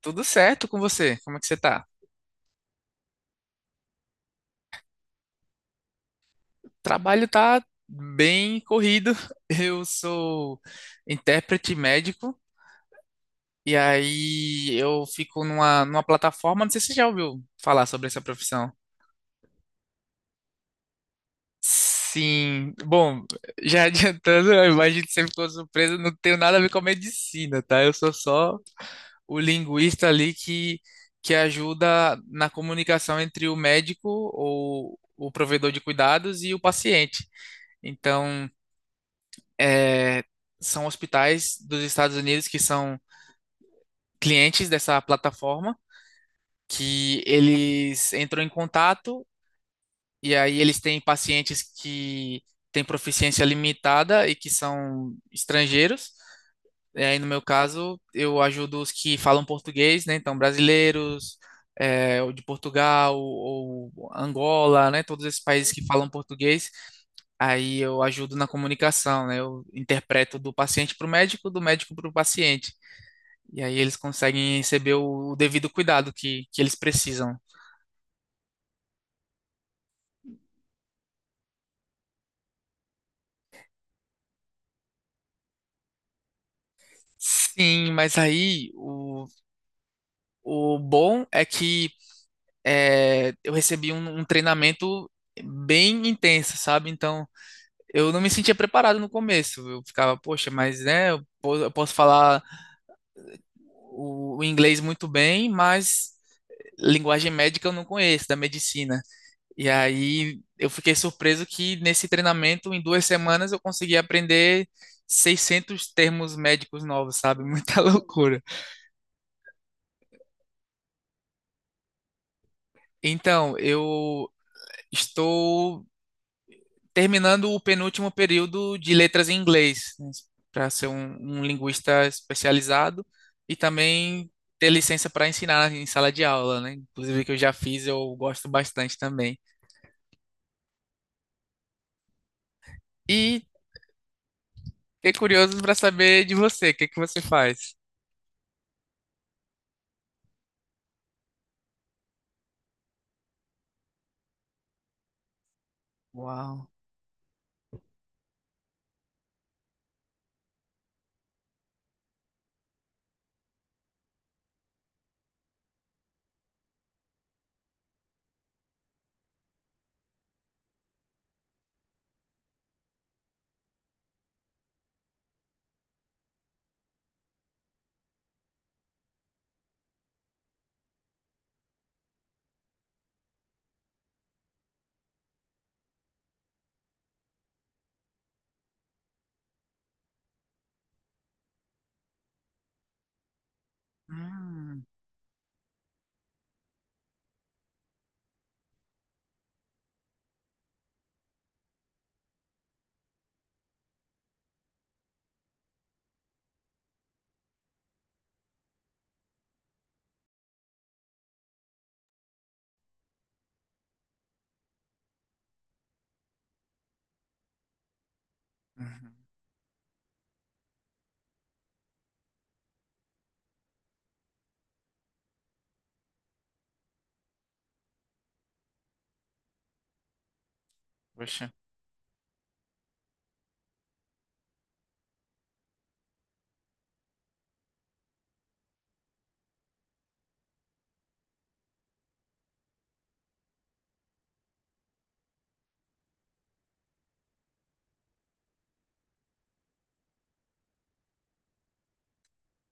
Tudo certo com você? Como é que você tá? Trabalho tá bem corrido. Eu sou intérprete médico e aí eu fico numa plataforma, não sei se você já ouviu falar sobre essa profissão. Sim, bom, já adiantando, eu imagino que você ficou surpreso, não tenho nada a ver com a medicina, tá? Eu sou só o linguista ali que ajuda na comunicação entre o médico ou o provedor de cuidados e o paciente. Então, é, são hospitais dos Estados Unidos que são clientes dessa plataforma, que eles entram em contato e aí eles têm pacientes que têm proficiência limitada e que são estrangeiros. E aí, no meu caso, eu ajudo os que falam português, né? Então, brasileiros, ou de Portugal, ou Angola, né? Todos esses países que falam português. Aí eu ajudo na comunicação, né? Eu interpreto do paciente para o médico, do médico para o paciente. E aí eles conseguem receber o devido cuidado que eles precisam. Sim, mas aí o bom é que eu recebi um treinamento bem intenso, sabe? Então eu não me sentia preparado no começo. Eu ficava, poxa, mas né, eu posso falar o inglês muito bem, mas linguagem médica eu não conheço, da medicina. E aí eu fiquei surpreso que nesse treinamento, em duas semanas, eu consegui aprender 600 termos médicos novos, sabe? Muita loucura. Então, eu estou terminando o penúltimo período de letras em inglês, para ser um linguista especializado e também ter licença para ensinar em sala de aula, né? Inclusive, que eu já fiz, eu gosto bastante também. E fiquei curioso para saber de você, o que que você faz? Uau. Hum. Uhum. Poxa.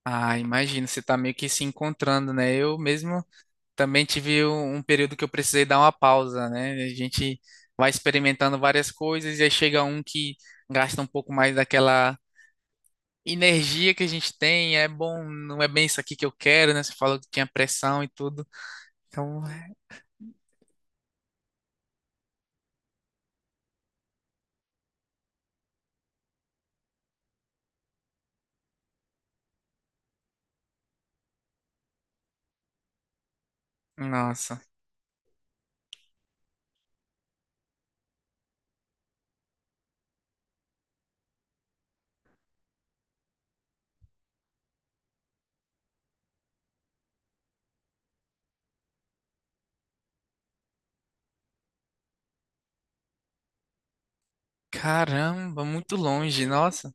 Ah, imagino, você tá meio que se encontrando, né? Eu mesmo também tive um período que eu precisei dar uma pausa, né? A gente vai experimentando várias coisas e aí chega um que gasta um pouco mais daquela energia que a gente tem, é bom, não é bem isso aqui que eu quero, né? Você falou que tinha pressão e tudo. Então, nossa, caramba, muito longe, nossa.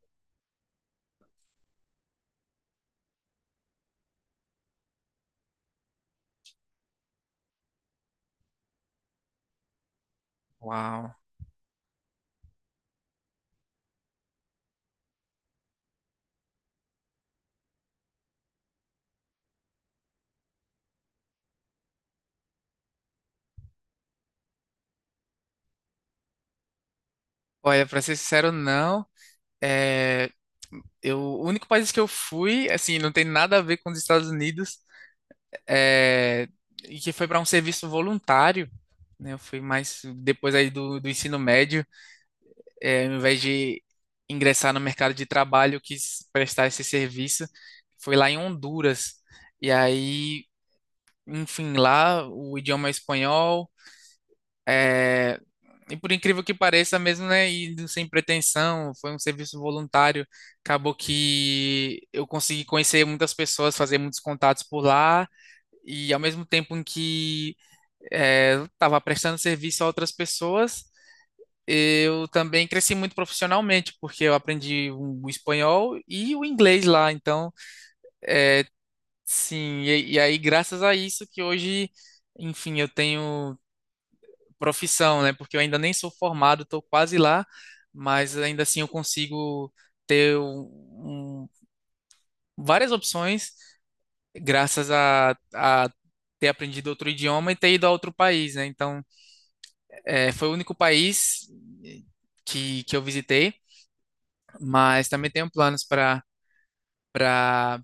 Uau. Olha, pra ser sincero, não. É, o único país que eu fui, assim, não tem nada a ver com os Estados Unidos, é, e que foi para um serviço voluntário, né? Eu fui mais depois aí do ensino médio, ao invés de ingressar no mercado de trabalho, eu quis prestar esse serviço. Foi lá em Honduras. E aí, enfim, lá o idioma é espanhol. E por incrível que pareça mesmo, né, e sem pretensão, foi um serviço voluntário, acabou que eu consegui conhecer muitas pessoas, fazer muitos contatos por lá, e ao mesmo tempo em que eu estava prestando serviço a outras pessoas, eu também cresci muito profissionalmente, porque eu aprendi o espanhol e o inglês lá, então, sim, e aí graças a isso que hoje, enfim, eu tenho profissão, né? Porque eu ainda nem sou formado, estou quase lá, mas ainda assim eu consigo ter várias opções graças a ter aprendido outro idioma e ter ido a outro país, né? Então, foi o único país eh, que eu visitei, mas também tenho planos para para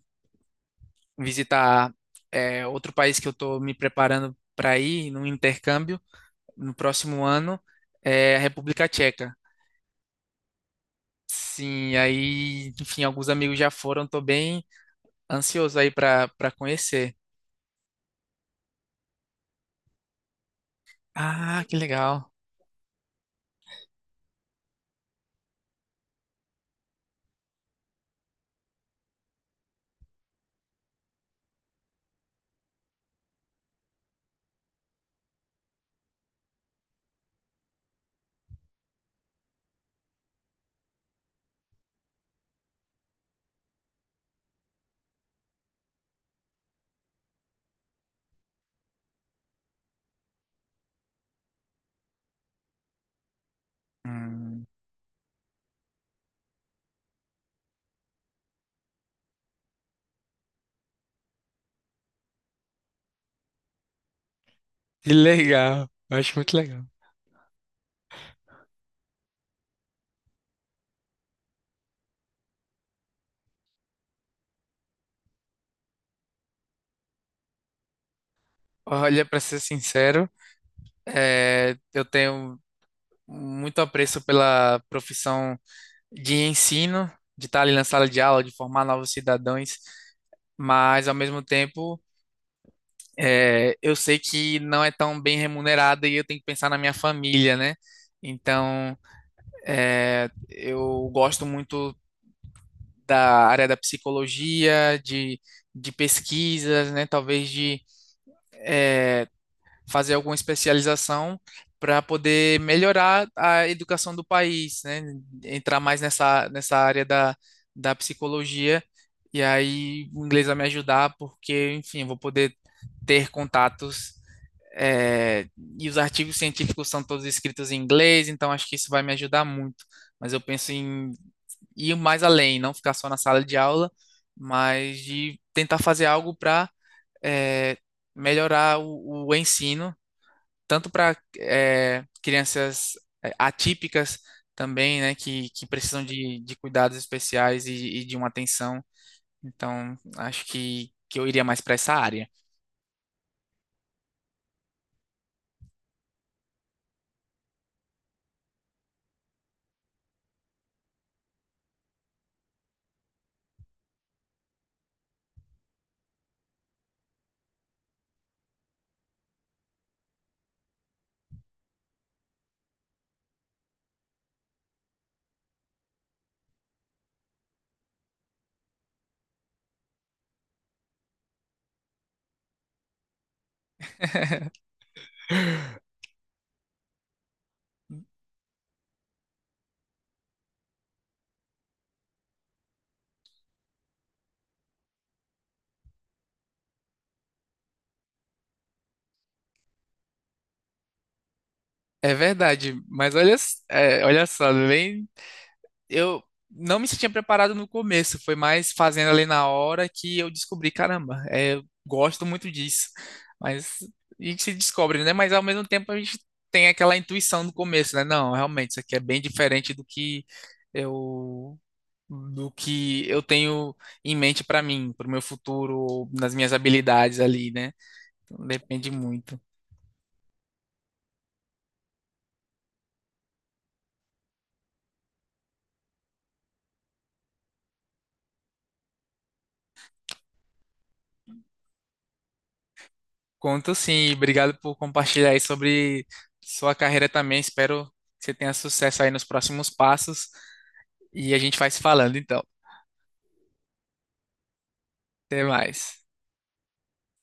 visitar outro país que eu estou me preparando para ir num intercâmbio no próximo ano, é a República Tcheca. Sim, aí, enfim, alguns amigos já foram, tô bem ansioso aí pra conhecer. Ah, que legal. Hum, que legal, eu acho muito legal. Olha, pra ser sincero, eu tenho muito apreço pela profissão de ensino, de estar ali na sala de aula, de formar novos cidadãos, mas ao mesmo tempo, eu sei que não é tão bem remunerada e eu tenho que pensar na minha família, né? Então. Eu gosto muito da área da psicologia, de pesquisas, né? Talvez de fazer alguma especialização para poder melhorar a educação do país, né? Entrar mais nessa área da psicologia e aí o inglês vai me ajudar porque, enfim, eu vou poder ter contatos. É, e os artigos científicos são todos escritos em inglês, então acho que isso vai me ajudar muito. Mas eu penso em ir mais além, não ficar só na sala de aula, mas de tentar fazer algo para melhorar o ensino, tanto para crianças atípicas também, né, que precisam de cuidados especiais e de uma atenção. Então, acho que eu iria mais para essa área. É verdade, mas olha, olha só, nem eu não me sentia preparado no começo, foi mais fazendo ali na hora que eu descobri, caramba, eu gosto muito disso. Mas a gente se descobre, né? Mas ao mesmo tempo a gente tem aquela intuição no começo, né? Não, realmente, isso aqui é bem diferente eu do que eu tenho em mente para mim, para o meu futuro, nas minhas habilidades ali, né? Então, depende muito. Conto sim, e obrigado por compartilhar aí sobre sua carreira também. Espero que você tenha sucesso aí nos próximos passos e a gente vai se falando então. Até mais.